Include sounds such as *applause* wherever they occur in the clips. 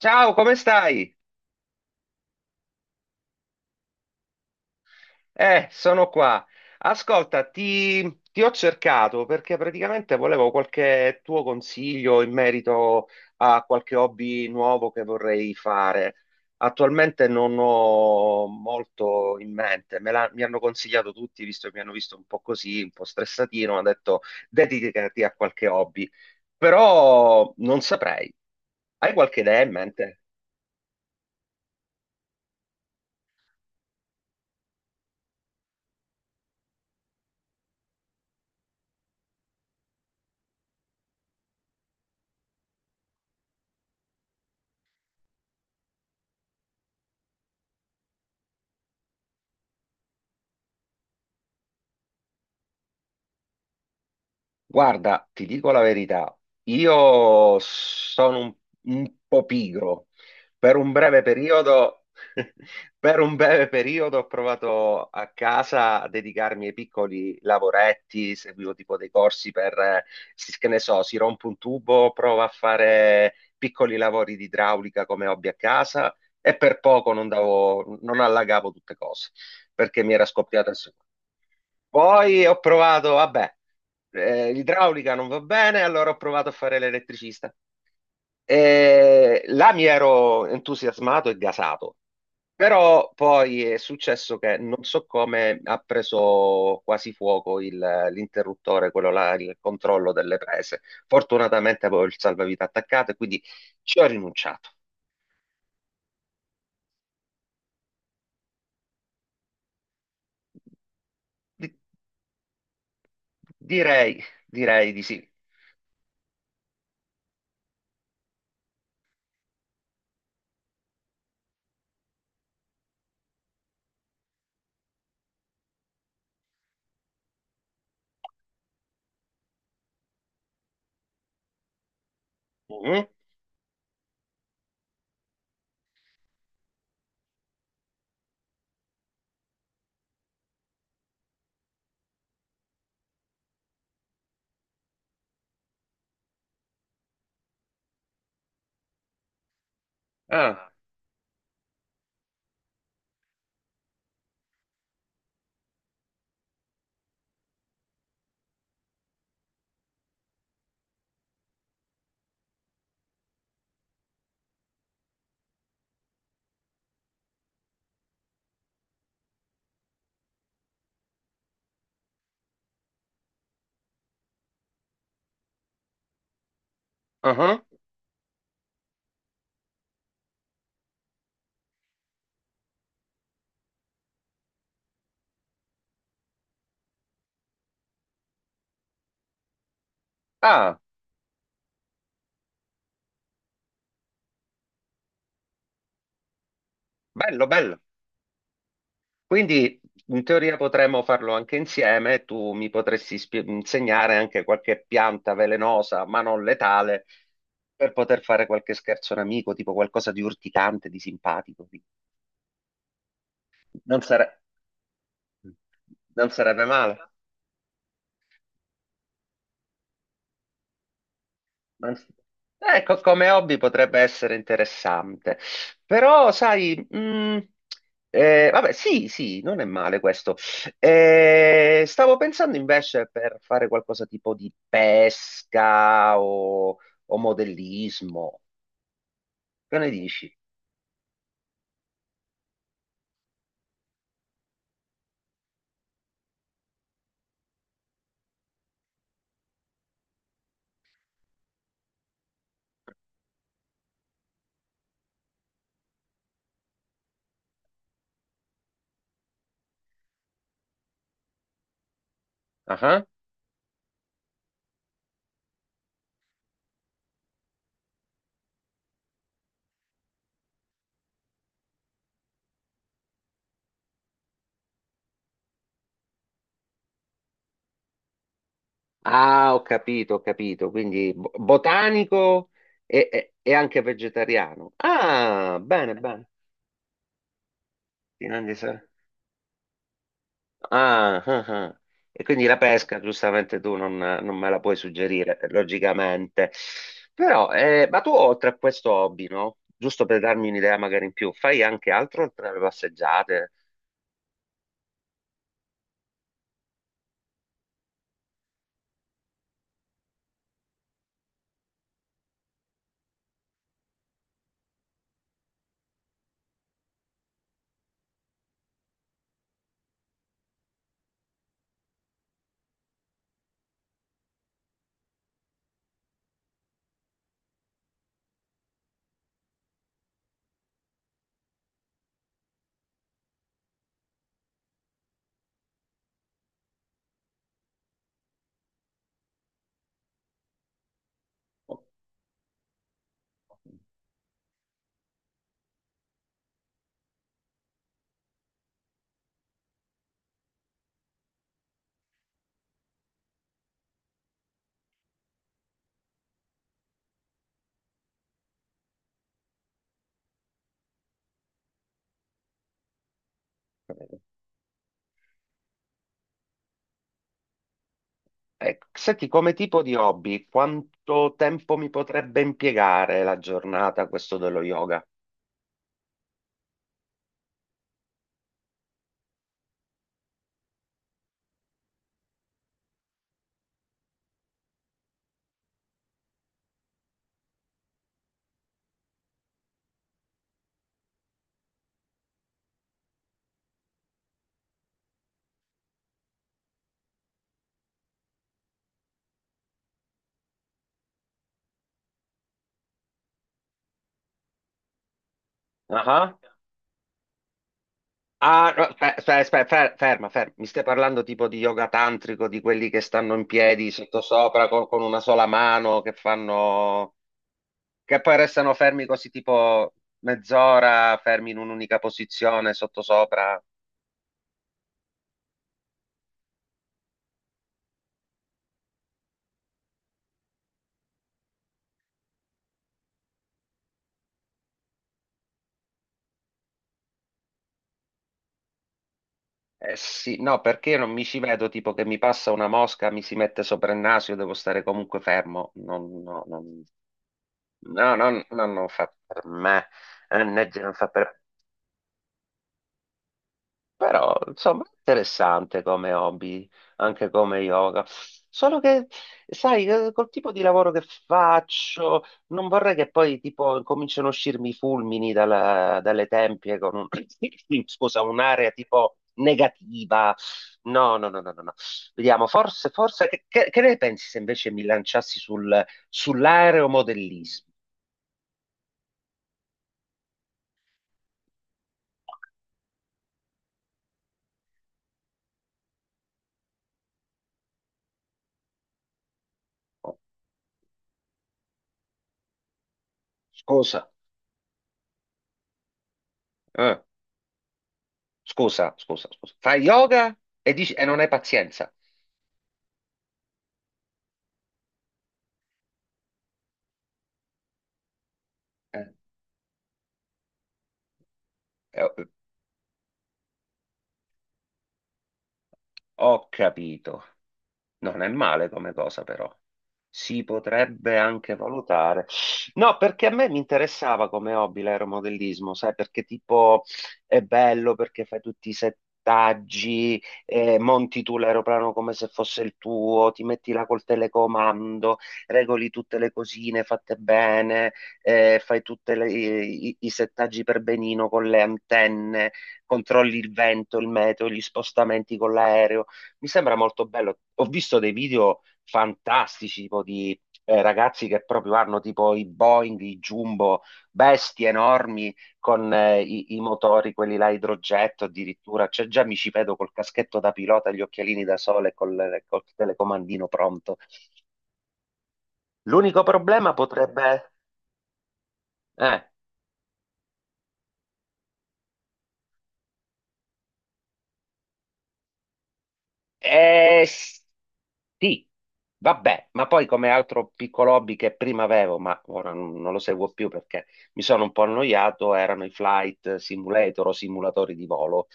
Ciao, come stai? Sono qua. Ascolta, ti ho cercato perché praticamente volevo qualche tuo consiglio in merito a qualche hobby nuovo che vorrei fare. Attualmente non ho molto in mente, mi hanno consigliato tutti, visto che mi hanno visto un po' così, un po' stressatino, hanno detto dedicati a qualche hobby, però non saprei. Hai qualche idea in mente? Guarda, ti dico la verità, io sono un po' pigro. Per un breve periodo, *laughs* per un breve periodo ho provato a casa a dedicarmi ai piccoli lavoretti, seguivo tipo dei corsi per, che ne so, si rompe un tubo, prova a fare piccoli lavori di idraulica come hobby a casa e per poco non allagavo tutte cose perché mi era scoppiata. Poi ho provato, vabbè, l'idraulica non va bene, allora ho provato a fare l'elettricista. E là mi ero entusiasmato e gasato, però poi è successo che non so come ha preso quasi fuoco l'interruttore, quello là, il controllo delle prese. Fortunatamente avevo il salvavita attaccato e quindi ci ho rinunciato. Di- direi, direi, di sì. Mhm. Ah, ah, ah. Ah, bello, bello. Quindi in teoria potremmo farlo anche insieme, tu mi potresti insegnare anche qualche pianta velenosa, ma non letale, per poter fare qualche scherzo a un amico, tipo qualcosa di urticante, di simpatico. Non sare- non sarebbe male. Ma- Ecco, come hobby potrebbe essere interessante, però sai, vabbè, sì, sì, non è male questo. Stavo pensando invece per fare qualcosa tipo di pesca o, modellismo, che ne dici? Ah, ah, ho capito, quindi botanico e anche vegetariano. Ah, bene, bene. Sì, non di sé. Ah, ah, ah. E quindi la pesca, giustamente tu non me la puoi suggerire, logicamente. Però, ma tu oltre a questo hobby, no? Giusto per darmi un'idea magari in più, fai anche altro oltre alle passeggiate? Ok. Ecco, senti, come tipo di hobby, quanto tempo mi potrebbe impiegare la giornata questo dello yoga? Ah, ah. Ah, no, ferma, ferma. Mi stai parlando tipo di yoga tantrico, di quelli che stanno in piedi sottosopra con una sola mano, che fanno... che poi restano fermi così tipo mezz'ora, fermi in un'unica posizione sottosopra. Eh sì, no, perché io non mi ci vedo tipo che mi passa una mosca, mi si mette sopra il naso, io devo stare comunque fermo. Non, no, non, no, no, no, non fa per me. NG non fa per me. Però, insomma, interessante come hobby, anche come yoga. Solo che, sai, col tipo di lavoro che faccio, non vorrei che poi, tipo, cominciano a uscirmi i fulmini dalle tempie con un, *coughs* scusa, un'area tipo negativa. No, no, no, no, no. No. Vediamo, forse, forse, che ne pensi se invece mi lanciassi sul, sull'aeromodellismo? Scusa, eh, scusa, scusa, scusa. Fai yoga e dici, e non hai pazienza. Eh, Eh, Ho capito. Non è male come cosa, però. Si potrebbe anche valutare. No, perché a me mi interessava come hobby l'aeromodellismo, sai, perché tipo è bello perché fai tutti i settaggi, monti tu l'aeroplano come se fosse il tuo, ti metti là col telecomando, regoli tutte le cosine fatte bene, fai tutti i settaggi per benino con le antenne, controlli il vento, il meteo, gli spostamenti con l'aereo. Mi sembra molto bello. Ho visto dei video fantastici, tipo di ragazzi che proprio hanno tipo i Boeing, i Jumbo, bestie enormi con i motori, quelli là a idrogetto addirittura. Cioè, già mi ci vedo col caschetto da pilota, gli occhialini da sole e col telecomandino pronto. L'unico problema potrebbe... Eh, eh, Sì, vabbè, ma poi come altro piccolo hobby che prima avevo, ma ora non lo seguo più perché mi sono un po' annoiato, erano i flight simulator o simulatori di volo.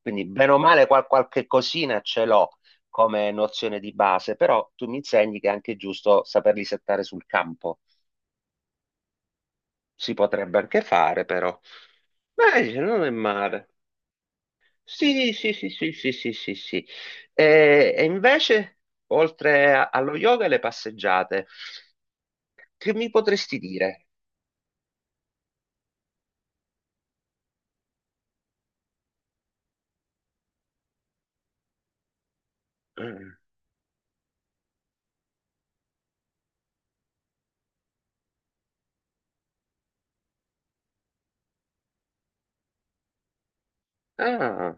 Quindi bene o male qualche cosina ce l'ho come nozione di base, però tu mi insegni che è anche giusto saperli settare sul campo. Si potrebbe anche fare, però. Beh, dice, non è male. Sì, sì, sì, sì, sì, sì, sì, sì. E, invece, allo yoga, le passeggiate. Che mi potresti dire? *clears throat* Mm. Ah,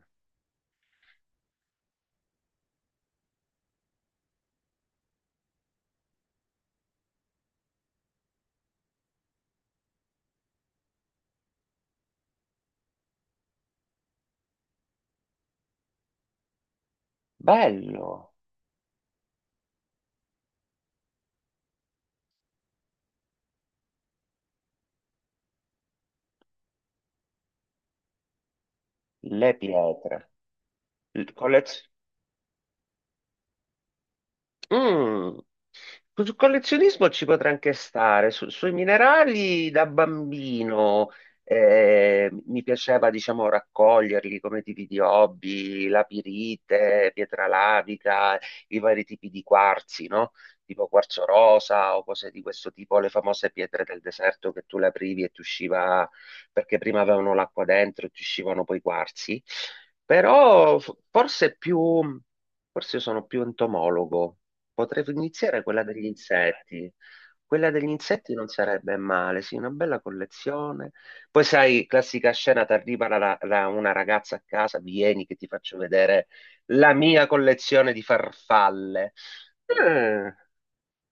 bello, le pietre, il collez- Mm. Sul collezionismo ci potrei anche stare, sui minerali da bambino mi piaceva diciamo raccoglierli come tipi di hobby, la pirite, pietra lavica, i vari tipi di quarzi, no? Tipo quarzo rosa o cose di questo tipo, le famose pietre del deserto che tu le aprivi e ti usciva, perché prima avevano l'acqua dentro e ti uscivano poi i quarzi, però forse più, forse sono più entomologo. Potrei iniziare quella degli insetti. Quella degli insetti non sarebbe male, sì, una bella collezione. Poi sai, classica scena, ti arriva una ragazza a casa, vieni che ti faccio vedere la mia collezione di farfalle. Eh,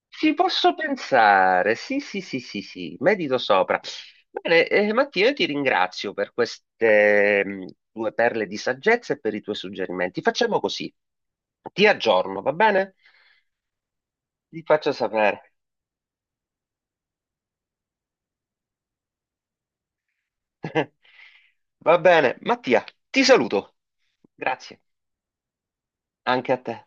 Ci posso pensare, sì, sì, sì, sì, sì, medito sopra. Bene, Mattia, io ti ringrazio per queste tue perle di saggezza e per i tuoi suggerimenti. Facciamo così, ti aggiorno, va bene? Ti faccio sapere. *laughs* Va bene, Mattia, ti saluto. Grazie, anche a te.